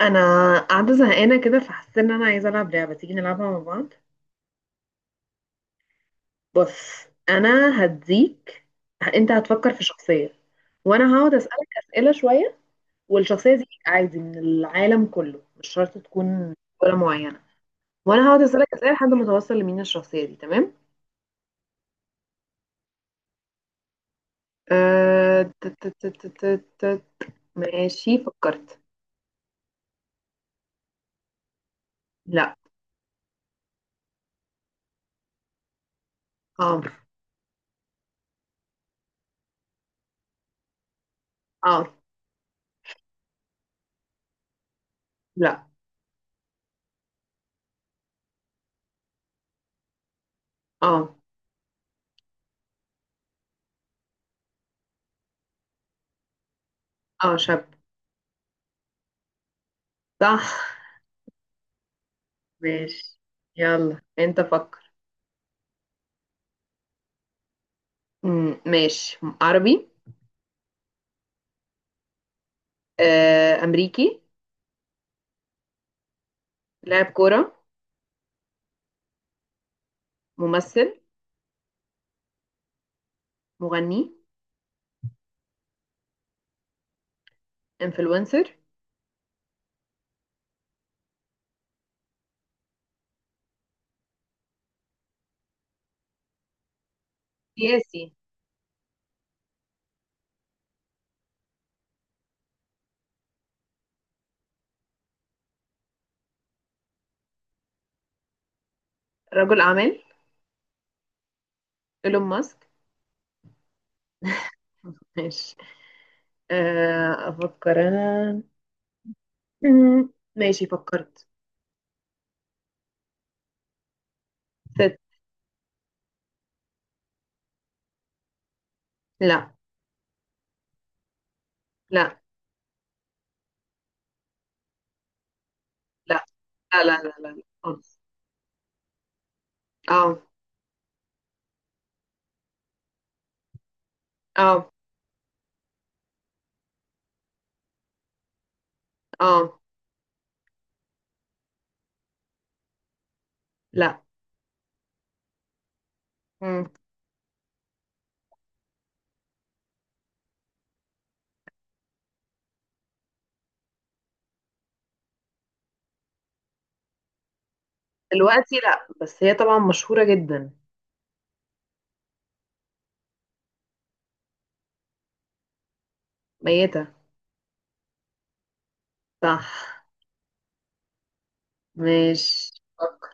انا قاعده زهقانه كده فحسيت ان انا عايزه العب لعبه تيجي نلعبها مع بعض. بص انا هديك، انت هتفكر في شخصيه وانا هقعد اسالك اسئله شويه، والشخصيه دي عادي من العالم كله مش شرط تكون دوله معينه، وانا هقعد اسالك اسئله لحد ما توصل لمين الشخصيه دي. تمام. أه... ت- ت- ت- ت- ت- ت- ماشي فكرت. لا. اه. اه. لا. اه. اه شاب. صح. ماشي. يلا انت فكر. مم، ماشي عربي. آه، أمريكي. لاعب كورة. ممثل. مغني. انفلونسر. سياسي. رجل أعمال. إيلون ماسك. ماشي. آه، أفكر أنا. مم، ماشي فكرت. ست. لا لا لا لا لا لا لا خالص. اه. اه. اه. لا. مم. دلوقتي لا، بس هي طبعا مشهورة جدا. ميتة. صح. مش فكر.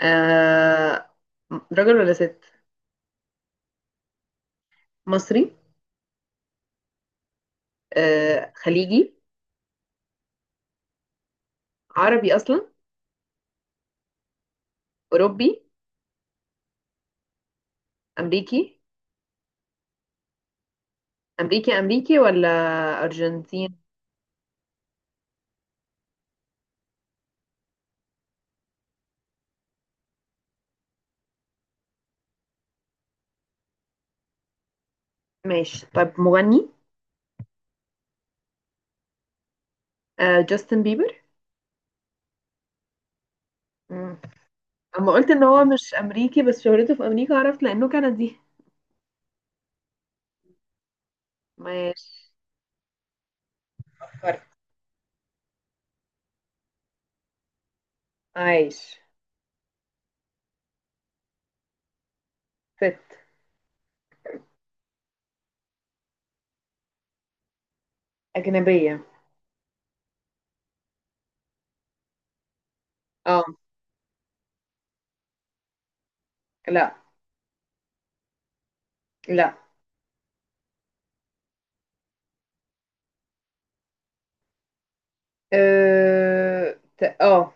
آه، راجل ولا ست؟ مصري. آه، خليجي. عربي أصلا. أوروبي. أمريكي. أمريكي أمريكي ولا أرجنتين؟ ماشي، طب مغني. آه، جاستن بيبر. مم. أما قلت إن هو مش أمريكي بس شهرته في أمريكا عرفت لأنه كندي. ماشي فكرت. عايش. ست. أجنبية. اه. لا. لا. اه آه.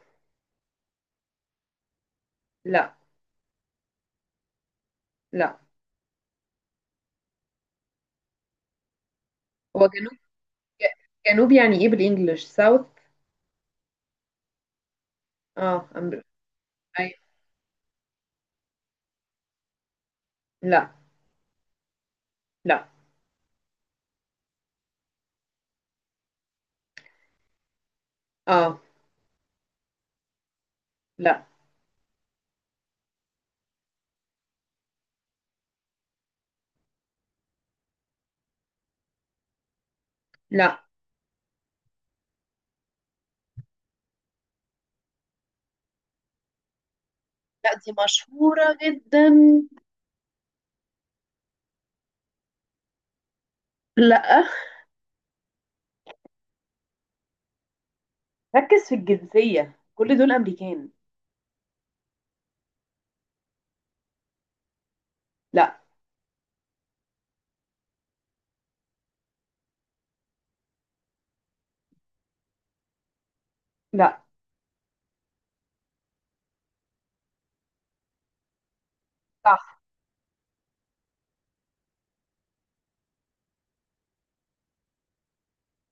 لا. لا. هو جنوب، جنوب يعني ايه بالانجلش؟ ساوث. اه أي... لا. لا. اه. لا. لا. لا دي مشهورة جدا. لا. ركز في الجنسية، كل دول أمريكان. لا. لا. صح.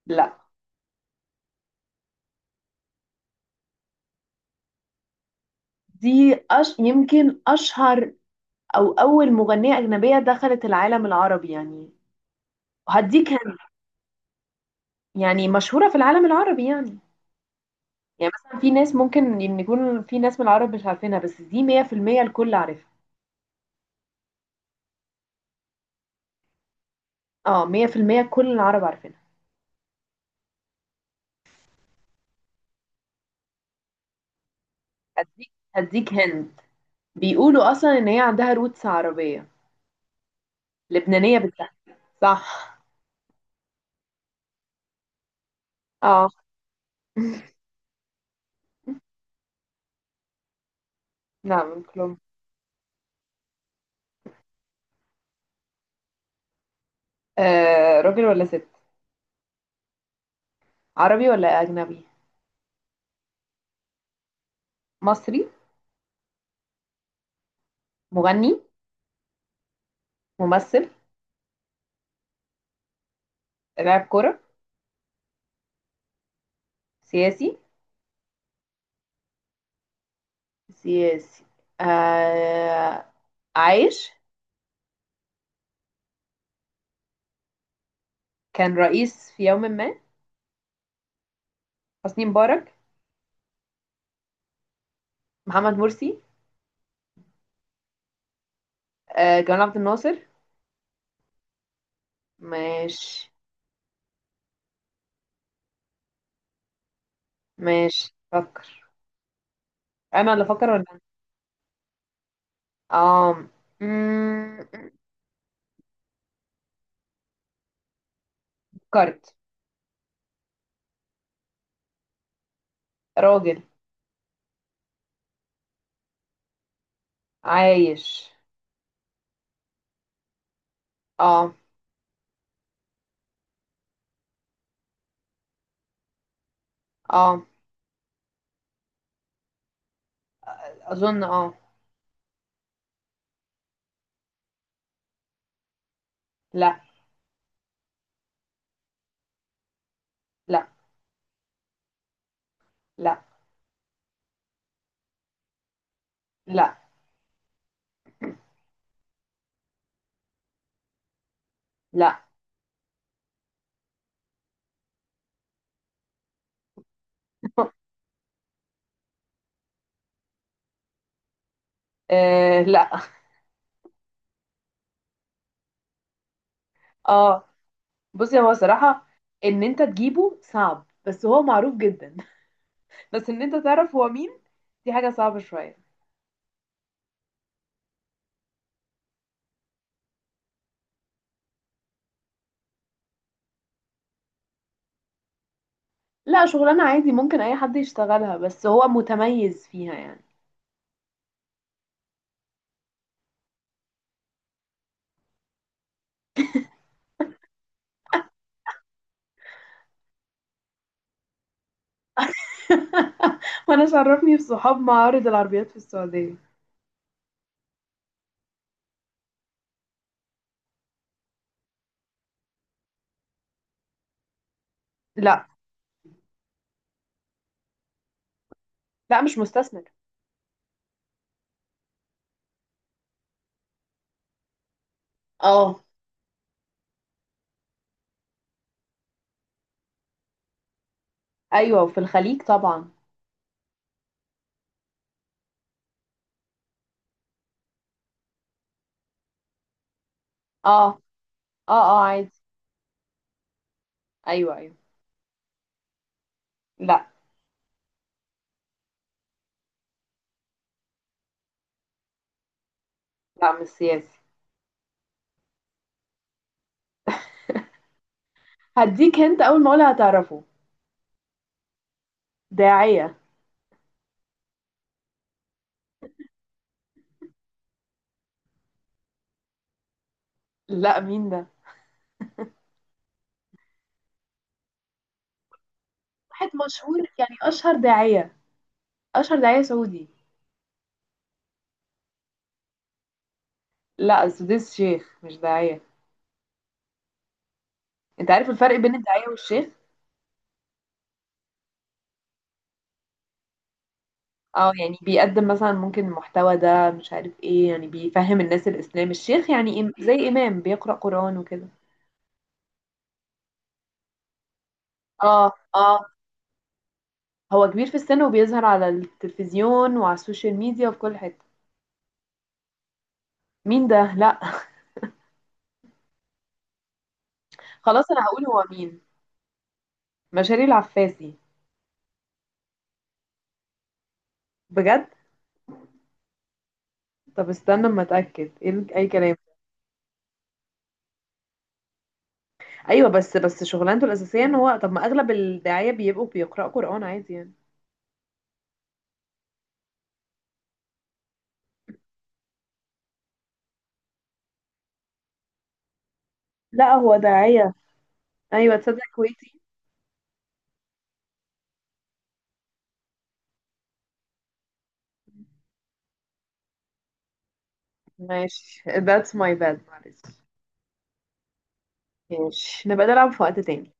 لا، يمكن أشهر أو أول مغنية أجنبية دخلت العالم العربي يعني. هديك هن- يعني مشهورة في العالم العربي يعني. يعني مثلا في ناس ممكن إن يكون في ناس من العرب مش عارفينها، بس دي 100% الكل عارفها. اه 100% كل العرب عارفينها. هديك هديك هند. بيقولوا أصلا إن هي عندها روتس عربية، لبنانية بالتحديد. صح. اه. نعم من كولومبيا. آه راجل ولا ست؟ عربي ولا أجنبي؟ مصري. مغني. ممثل. لاعب كرة. سياسي. سياسي. آه عايش. كان رئيس في يوم ما. حسني مبارك. محمد مرسي. آه جمال عبد الناصر. ماشي. ماشي فكر. أنا اللي فكر ولا أنت؟ آه. مم، فكرت. راجل. عايش. اه. اه اظن. اه. لا. لا. لا. لا. لا. آه لا. اه بصي، هو صراحة ان انت تجيبه صعب بس هو معروف جدا. بس ان انت تعرف هو مين، دي حاجة صعبة شوية. لا شغلانة عادي ممكن اي حد يشتغلها، بس هو متميز فيها يعني. وانا شرفني بصحاب معارض العربيات في السعودية. لا. لا مش مستثمر. اه. ايوه وفي الخليج طبعا. اه. اه اه عادي. ايوه ايوه. لا. لا مش سياسي. هديك هنت أول ما أقولها هتعرفه. داعية. لا مين ده؟ واحد مشهور يعني، أشهر داعية. أشهر داعية سعودي. لا السديس شيخ مش داعية. أنت عارف الفرق بين الداعية والشيخ؟ اه يعني بيقدم مثلا ممكن المحتوى ده مش عارف ايه، يعني بيفهم الناس الإسلام. الشيخ يعني زي إمام بيقرأ قرآن وكده. اه. اه هو كبير في السن وبيظهر على التلفزيون وعلى السوشيال ميديا وفي كل حتة. مين ده؟ لا. خلاص أنا هقول هو مين. مشاري العفاسي. بجد. طب استنى اما اتاكد، ايه اي كلام. ايوه بس شغلانته الاساسيه ان هو، طب ما اغلب الداعيه بيبقوا بيقرأوا قرآن عادي يعني. لا هو داعية. ايوه تصدق كويتي. ماشي that's my bad معلش. ماشي نبقى نلعب في وقت تاني.